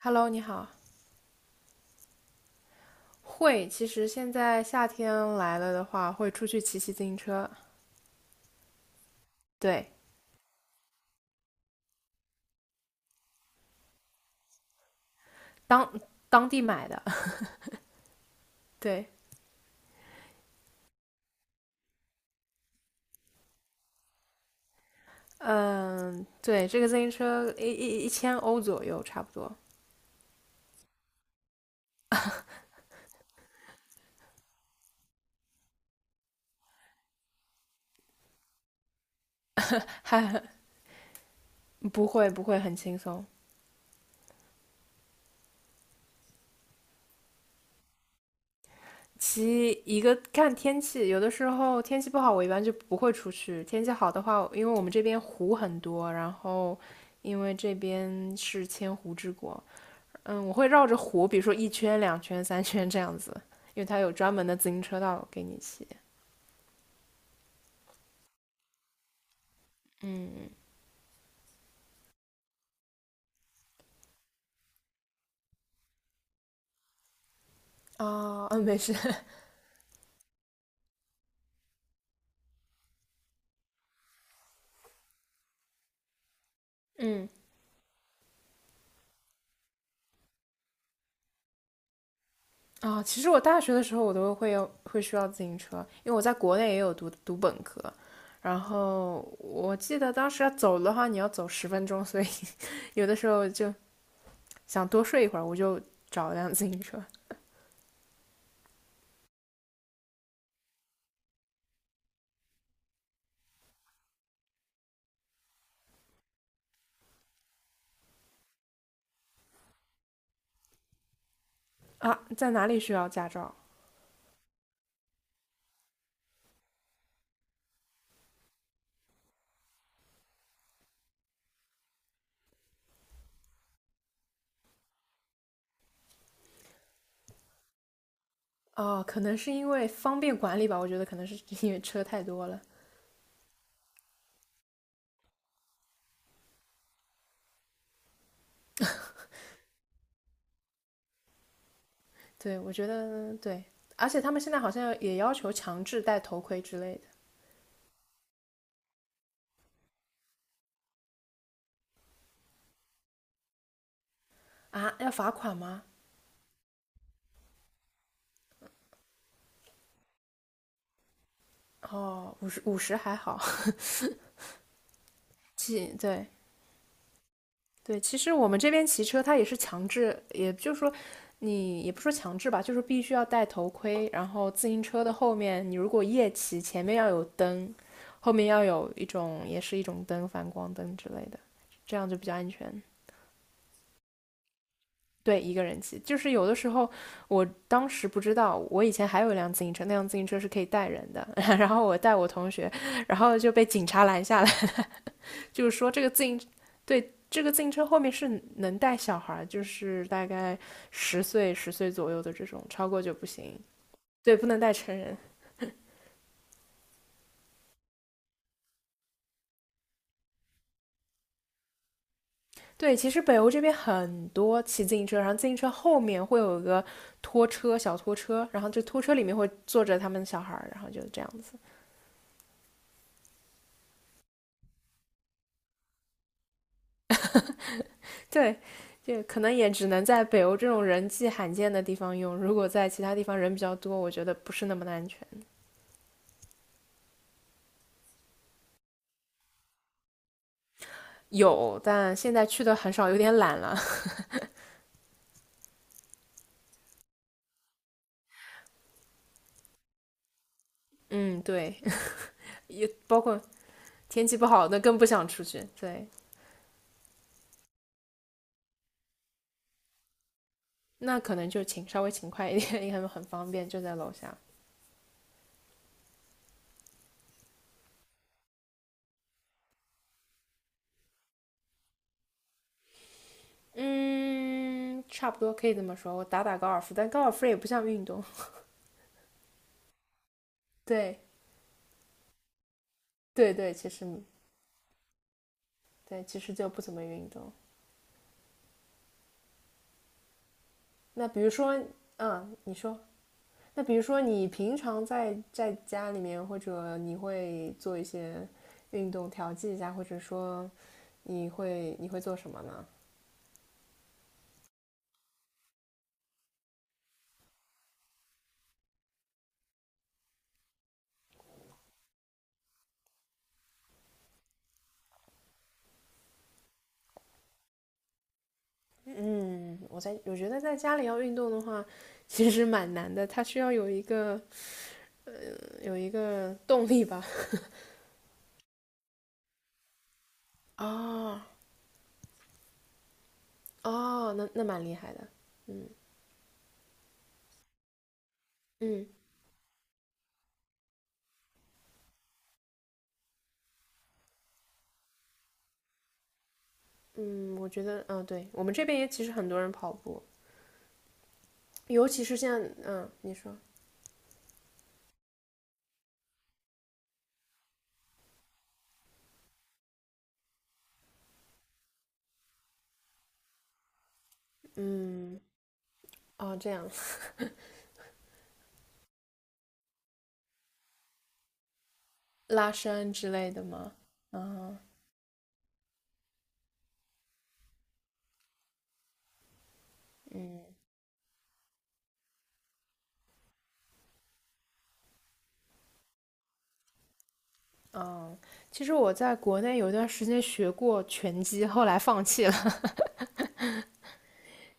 Hello，你好。会，其实现在夏天来了的话，会出去骑骑自行车。对，当当地买的。对，嗯，对，这个自行车1000欧左右，差不多。哈，不会不会很轻松。骑一个看天气，有的时候天气不好，我一般就不会出去。天气好的话，因为我们这边湖很多，然后因为这边是千湖之国，嗯，我会绕着湖，比如说一圈、两圈、三圈这样子，因为它有专门的自行车道给你骑。哦，嗯，没事。嗯，哦其实我大学的时候我都会要会需要自行车，因为我在国内也有读本科，然后我记得当时要走的话，你要走10分钟，所以 有的时候就想多睡一会儿，我就找一辆自行车。啊，在哪里需要驾照？哦，可能是因为方便管理吧，我觉得可能是因为车太多了。对，我觉得对，而且他们现在好像也要求强制戴头盔之类的啊，要罚款吗？哦，五十还好，对对，其实我们这边骑车它也是强制，也就是说你也不说强制吧，就是必须要戴头盔，然后自行车的后面你如果夜骑，前面要有灯，后面要有一种也是一种灯，反光灯之类的，这样就比较安全。对，一个人骑，就是有的时候，我当时不知道，我以前还有一辆自行车，那辆自行车是可以带人的，然后我带我同学，然后就被警察拦下来，就是说这个自行，对，这个自行车后面是能带小孩就是大概十岁左右的这种，超过就不行，对，不能带成人。对，其实北欧这边很多骑自行车，然后自行车后面会有一个拖车，小拖车，然后这拖车里面会坐着他们的小孩然后就这样子。对，就可能也只能在北欧这种人迹罕见的地方用。如果在其他地方人比较多，我觉得不是那么的安全的有，但现在去的很少，有点懒了。嗯，对，也包括天气不好，那更不想出去。对，那可能就勤稍微勤快一点，因为很方便，就在楼下。嗯，差不多可以这么说。我打打高尔夫，但高尔夫也不像运动。对，对对，其实对，其实就不怎么运动。那比如说，嗯，你说。那比如说你平常在家里面，或者你会做一些运动调剂一下，或者说你会做什么呢？嗯，我在我觉得在家里要运动的话，其实蛮难的，它需要有一个动力吧。哦哦，那蛮厉害的。嗯嗯，我觉得对我们这边也其实很多人跑步，尤其是现在你说嗯哦这样 拉伸之类的吗？啊嗯。其实我在国内有一段时间学过拳击，后来放弃了。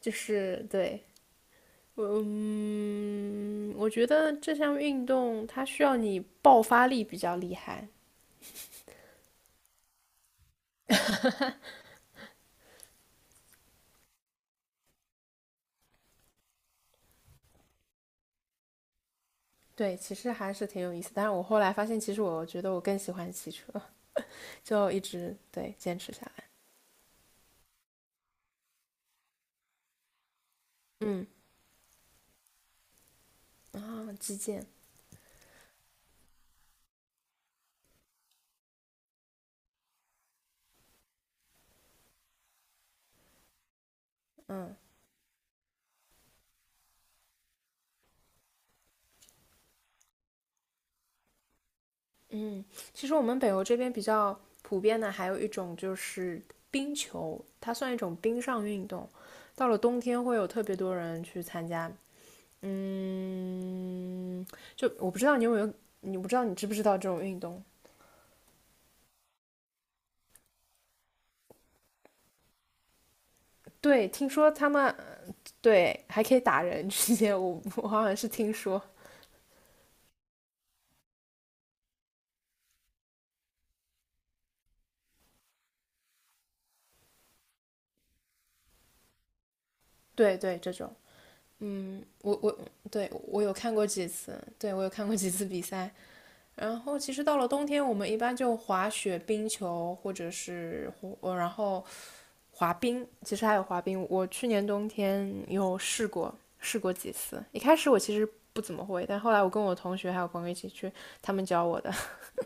就是对，嗯，我觉得这项运动它需要你爆发力比较厉害。对，其实还是挺有意思。但是我后来发现，其实我觉得我更喜欢骑车，就一直对坚持下来啊。击剑，嗯，其实我们北欧这边比较普遍的还有一种就是冰球，它算一种冰上运动。到了冬天会有特别多人去参加，嗯，就我不知道你有没有，你不知道你知不知道这种运动？对，听说他们对还可以打人之间，我好像是听说，对对这种，嗯，我对我有看过几次，对我有看过几次比赛，然后其实到了冬天，我们一般就滑雪、冰球，或者是然后滑冰。其实还有滑冰，我去年冬天有试过，试过几次。一开始我其实不怎么会，但后来我跟我同学还有朋友一起去，他们教我的。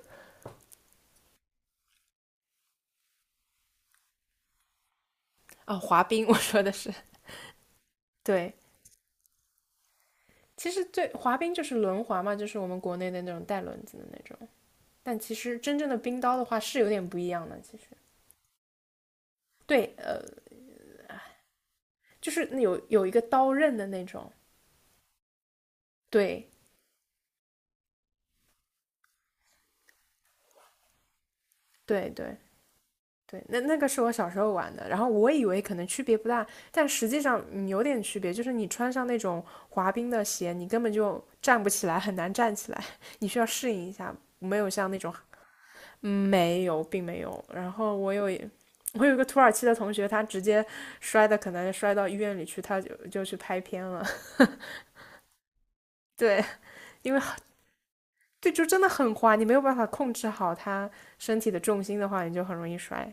哦，滑冰，我说的是对。其实最滑冰就是轮滑嘛，就是我们国内的那种带轮子的那种。但其实真正的冰刀的话是有点不一样的。其实对，就是有一个刀刃的那种。对对对。对，那个是我小时候玩的，然后我以为可能区别不大，但实际上有点区别，就是你穿上那种滑冰的鞋，你根本就站不起来，很难站起来，你需要适应一下，没有像那种，嗯没有，并没有。然后我有一个土耳其的同学，他直接摔的，可能摔到医院里去，他就去拍片了。对，因为对，就真的很滑，你没有办法控制好他身体的重心的话，你就很容易摔。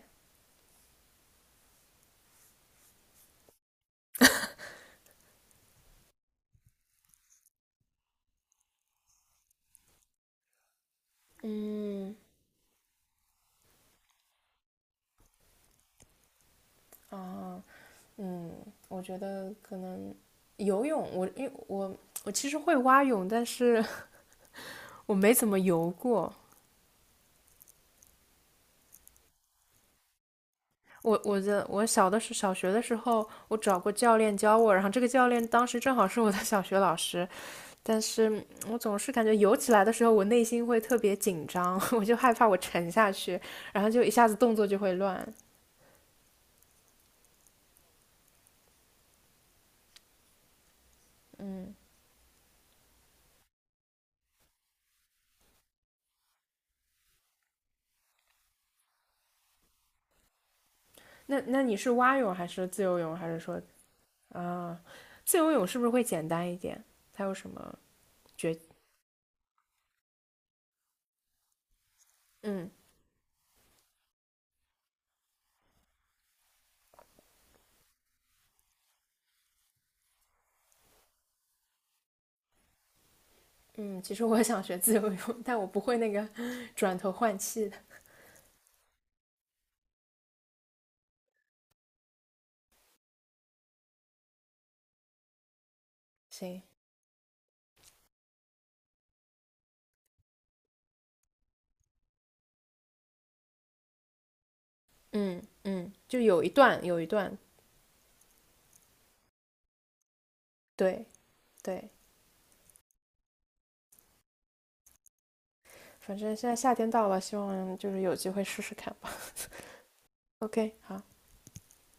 嗯，哦，嗯，我觉得可能游泳，我因为我我其实会蛙泳，但是 我没怎么游过。我小学的时候，我找过教练教我，然后这个教练当时正好是我的小学老师，但是我总是感觉游起来的时候，我内心会特别紧张，我就害怕我沉下去，然后就一下子动作就会乱。那你是蛙泳还是自由泳，还是说啊，自由泳是不是会简单一点？它有什么诀？嗯。嗯，其实我想学自由泳，但我不会那个转头换气的。行，嗯嗯，就有一段，对对，反正现在夏天到了，希望就是有机会试试看吧。OK，好。